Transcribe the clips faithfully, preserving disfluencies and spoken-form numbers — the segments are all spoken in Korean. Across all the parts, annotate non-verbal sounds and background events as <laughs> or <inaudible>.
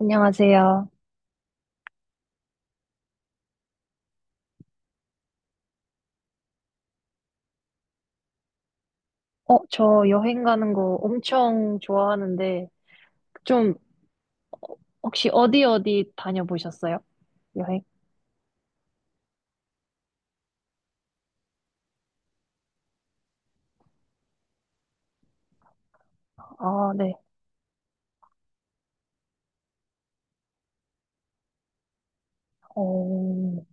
안녕하세요. 어, 저 여행 가는 거 엄청 좋아하는데, 좀, 혹시 어디 어디 다녀보셨어요? 여행? 아, 네. 어,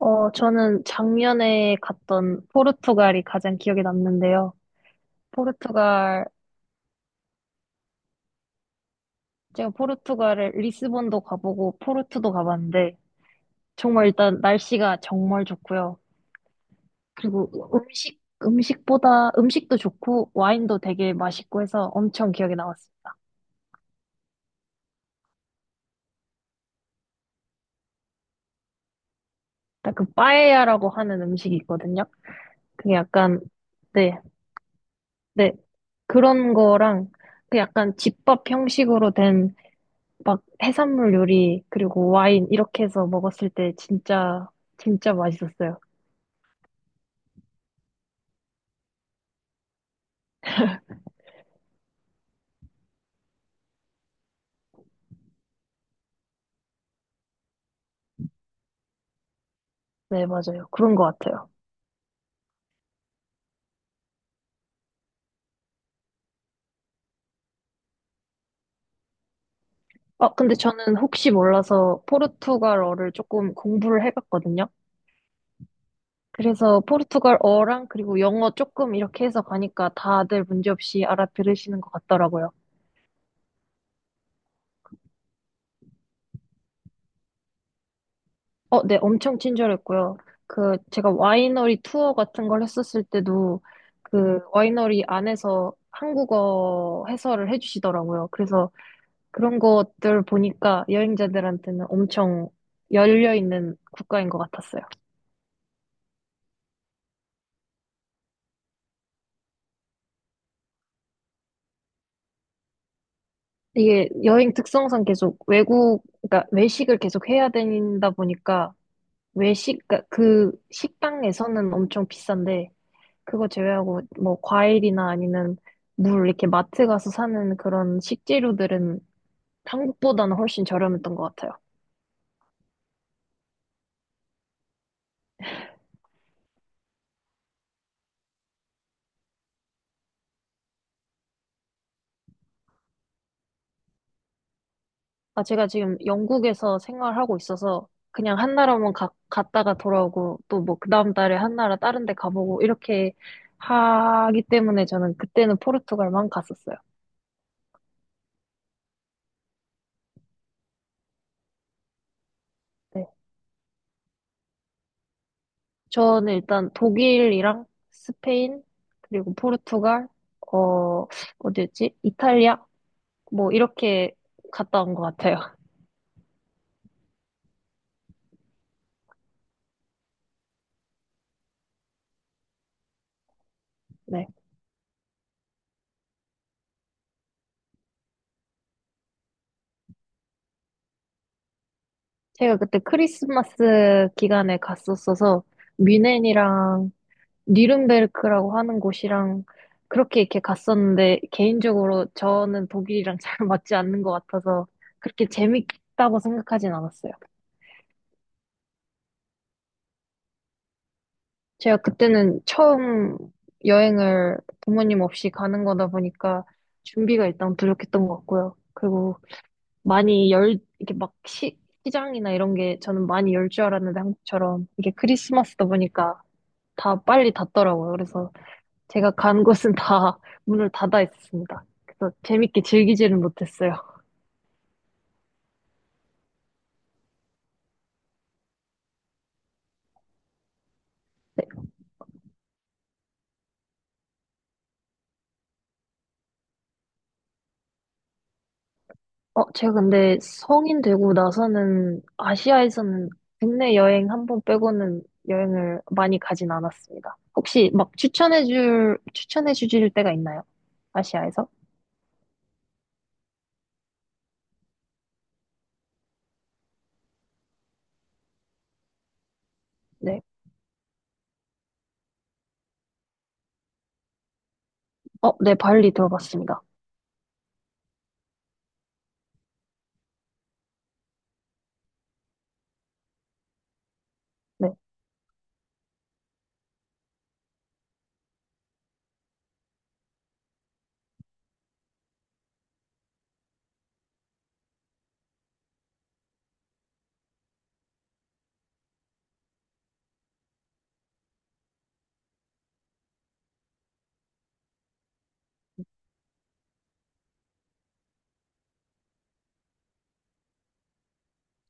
어, 저는 작년에 갔던 포르투갈이 가장 기억에 남는데요. 포르투갈, 제가 포르투갈을 리스본도 가보고 포르투도 가봤는데, 정말 일단 날씨가 정말 좋고요. 그리고 음식, 음식보다, 음식도 좋고, 와인도 되게 맛있고 해서 엄청 기억에 남았어요. 약간 그 빠에야라고 하는 음식이 있거든요. 그게 약간 네, 네 그런 거랑 그 약간 집밥 형식으로 된 막 해산물 요리 그리고 와인 이렇게 해서 먹었을 때 진짜 진짜 맛있었어요. 네, 맞아요. 그런 것 같아요. 어, 근데 저는 혹시 몰라서 포르투갈어를 조금 공부를 해봤거든요. 그래서 포르투갈어랑 그리고 영어 조금 이렇게 해서 가니까 다들 문제없이 알아들으시는 것 같더라고요. 어, 네, 엄청 친절했고요. 그, 제가 와이너리 투어 같은 걸 했었을 때도 그 와이너리 안에서 한국어 해설을 해주시더라고요. 그래서 그런 것들 보니까 여행자들한테는 엄청 열려있는 국가인 것 같았어요. 이게 여행 특성상 계속 외국, 그러니까 외식을 계속 해야 된다 보니까 외식, 그러니까 그 식당에서는 엄청 비싼데 그거 제외하고 뭐 과일이나 아니면 물 이렇게 마트 가서 사는 그런 식재료들은 한국보다는 훨씬 저렴했던 것 같아요. 아, 제가 지금 영국에서 생활하고 있어서 그냥 한 나라만 가, 갔다가 돌아오고 또 뭐 그 다음 달에 한 나라 다른 데 가보고 이렇게 하기 때문에 저는 그때는 포르투갈만 갔었어요. 네. 저는 일단 독일이랑 스페인 그리고 포르투갈 어 어디였지? 이탈리아 뭐 이렇게 갔다 온 것 같아요. 네. 제가 그때 크리스마스 기간에 갔었어서 뮌헨이랑 뉘른베르크라고 하는 곳이랑 그렇게 이렇게 갔었는데 개인적으로 저는 독일이랑 잘 <laughs> 맞지 않는 것 같아서 그렇게 재밌다고 생각하진 않았어요. 제가 그때는 처음 여행을 부모님 없이 가는 거다 보니까 준비가 일단 부족했던 것 같고요. 그리고 많이 열, 이렇게 막 시, 시장이나 이런 게 저는 많이 열 줄 알았는데 한국처럼 이게 크리스마스다 보니까 다 빨리 닫더라고요. 그래서 제가 간 곳은 다 <laughs> 문을 닫아 있었습니다. 그래서 재밌게 즐기지는 못했어요. 네. 어, 제가 근데 성인 되고 나서는 아시아에서는 국내 여행 한 번 빼고는 여행을 많이 가진 않았습니다. 혹시 막 추천해줄, 추천해주실 때가 있나요? 아시아에서? 네. 어, 네, 발리 들어봤습니다. 네.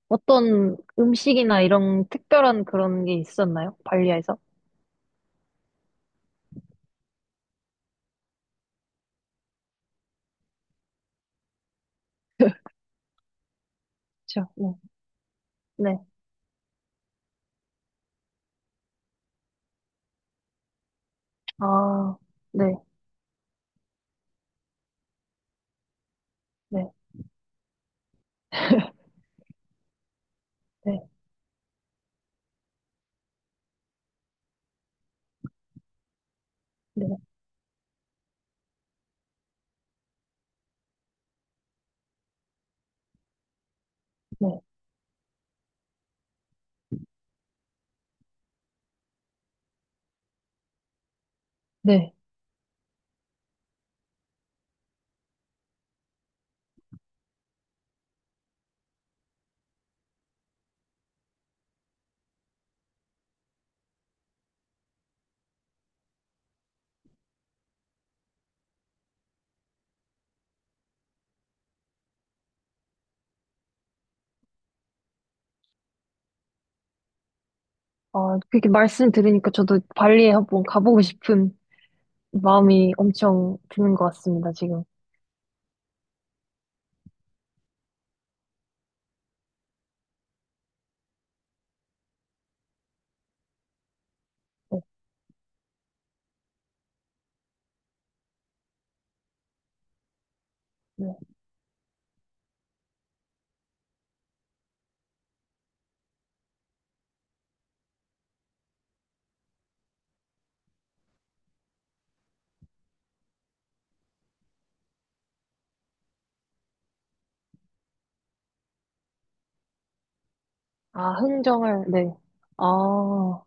어떤 음식이나 이런 특별한 그런 게 있었나요? 발리에서? <laughs> 그렇죠. 네. 아, 네, 네, 네, 네, 네, 네. 아, 그렇게 말씀 들으니까 저도 발리에 한번 가보고 싶은 마음이 엄청 드는 것 같습니다, 지금. 네, 네. 아, 흥정을, 네. 아,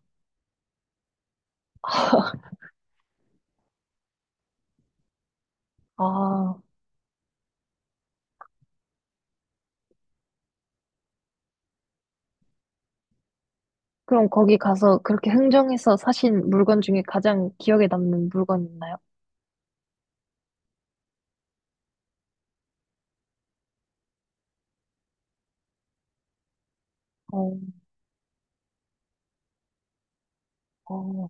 <laughs> 아, 그럼 거기 가서 그렇게 흥정해서 사신 물건 중에 가장 기억에 남는 물건 있나요? 어, 어,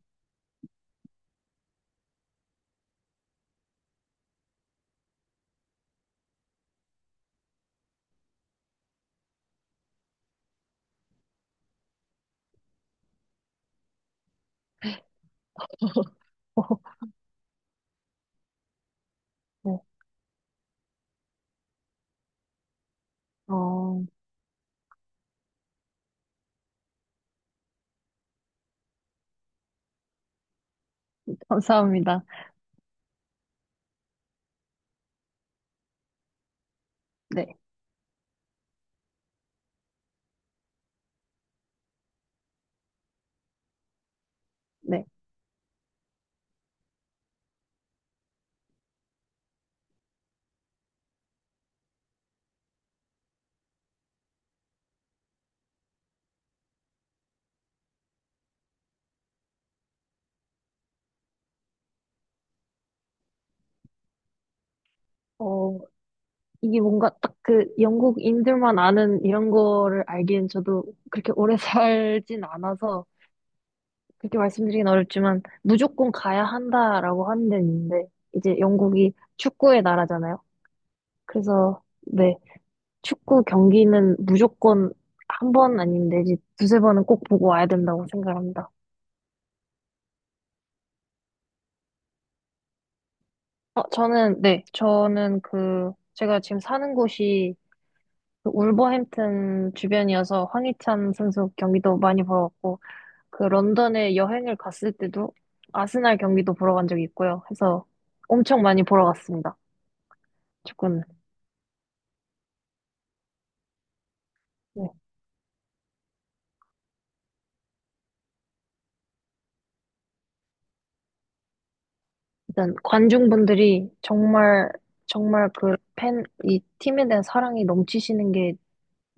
<laughs> 네. 어, 감사합니다. 네, 네. 어, 이게 뭔가 딱 그 영국인들만 아는 이런 거를 알기엔 저도 그렇게 오래 <laughs> 살진 않아서 그렇게 말씀드리긴 어렵지만 무조건 가야 한다라고 하는 데는 있는데 이제 영국이 축구의 나라잖아요. 그래서 네, 축구 경기는 무조건 한 번 아니면 내지 두세 번은 꼭 보고 와야 된다고 생각합니다. 어, 저는 네, 저는 그 제가 지금 사는 곳이 그 울버햄튼 주변이어서 황희찬 선수 경기도 많이 보러 왔고 그 런던에 여행을 갔을 때도 아스날 경기도 보러 간 적이 있고요. 해서 엄청 많이 보러 갔습니다. 조금 네. 일단 관중분들이 정말 정말 그 팬, 이 팀에 대한 사랑이 넘치시는 게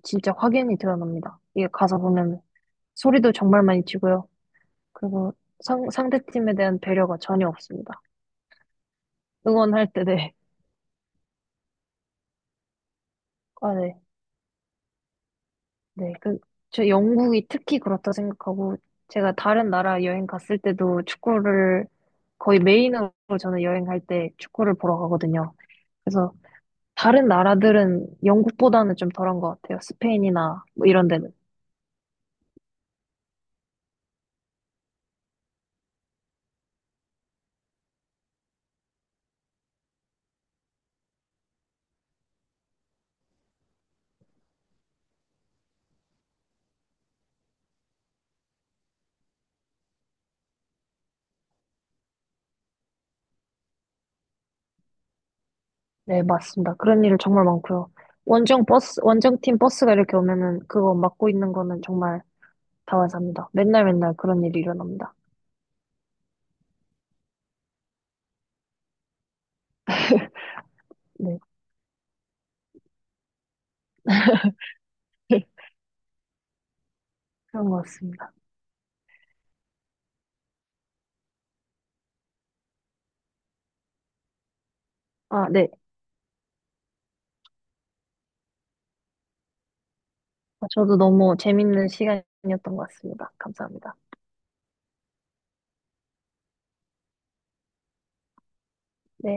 진짜 확연히 드러납니다. 이게 가서 보면 소리도 정말 많이 치고요. 그리고 상, 상대팀에 대한 배려가 전혀 없습니다. 응원할 때, 네. 아, 네. 네, 그, 저 영국이 특히 그렇다 생각하고, 제가 다른 나라 여행 갔을 때도 축구를 거의 메인으로 저는 여행할 때 축구를 보러 가거든요. 그래서 다른 나라들은 영국보다는 좀 덜한 것 같아요. 스페인이나 뭐 이런 데는. 네, 맞습니다. 그런 일 정말 많고요. 원정 버스, 원정팀 버스가 이렇게 오면은 그거 맡고 있는 거는 정말 다반사입니다. 맨날 맨날 그런 일이 일어납니다. 네, <laughs> 그런 것 같습니다. 아, 네. 저도 너무 재밌는 시간이었던 것 같습니다. 감사합니다. 네.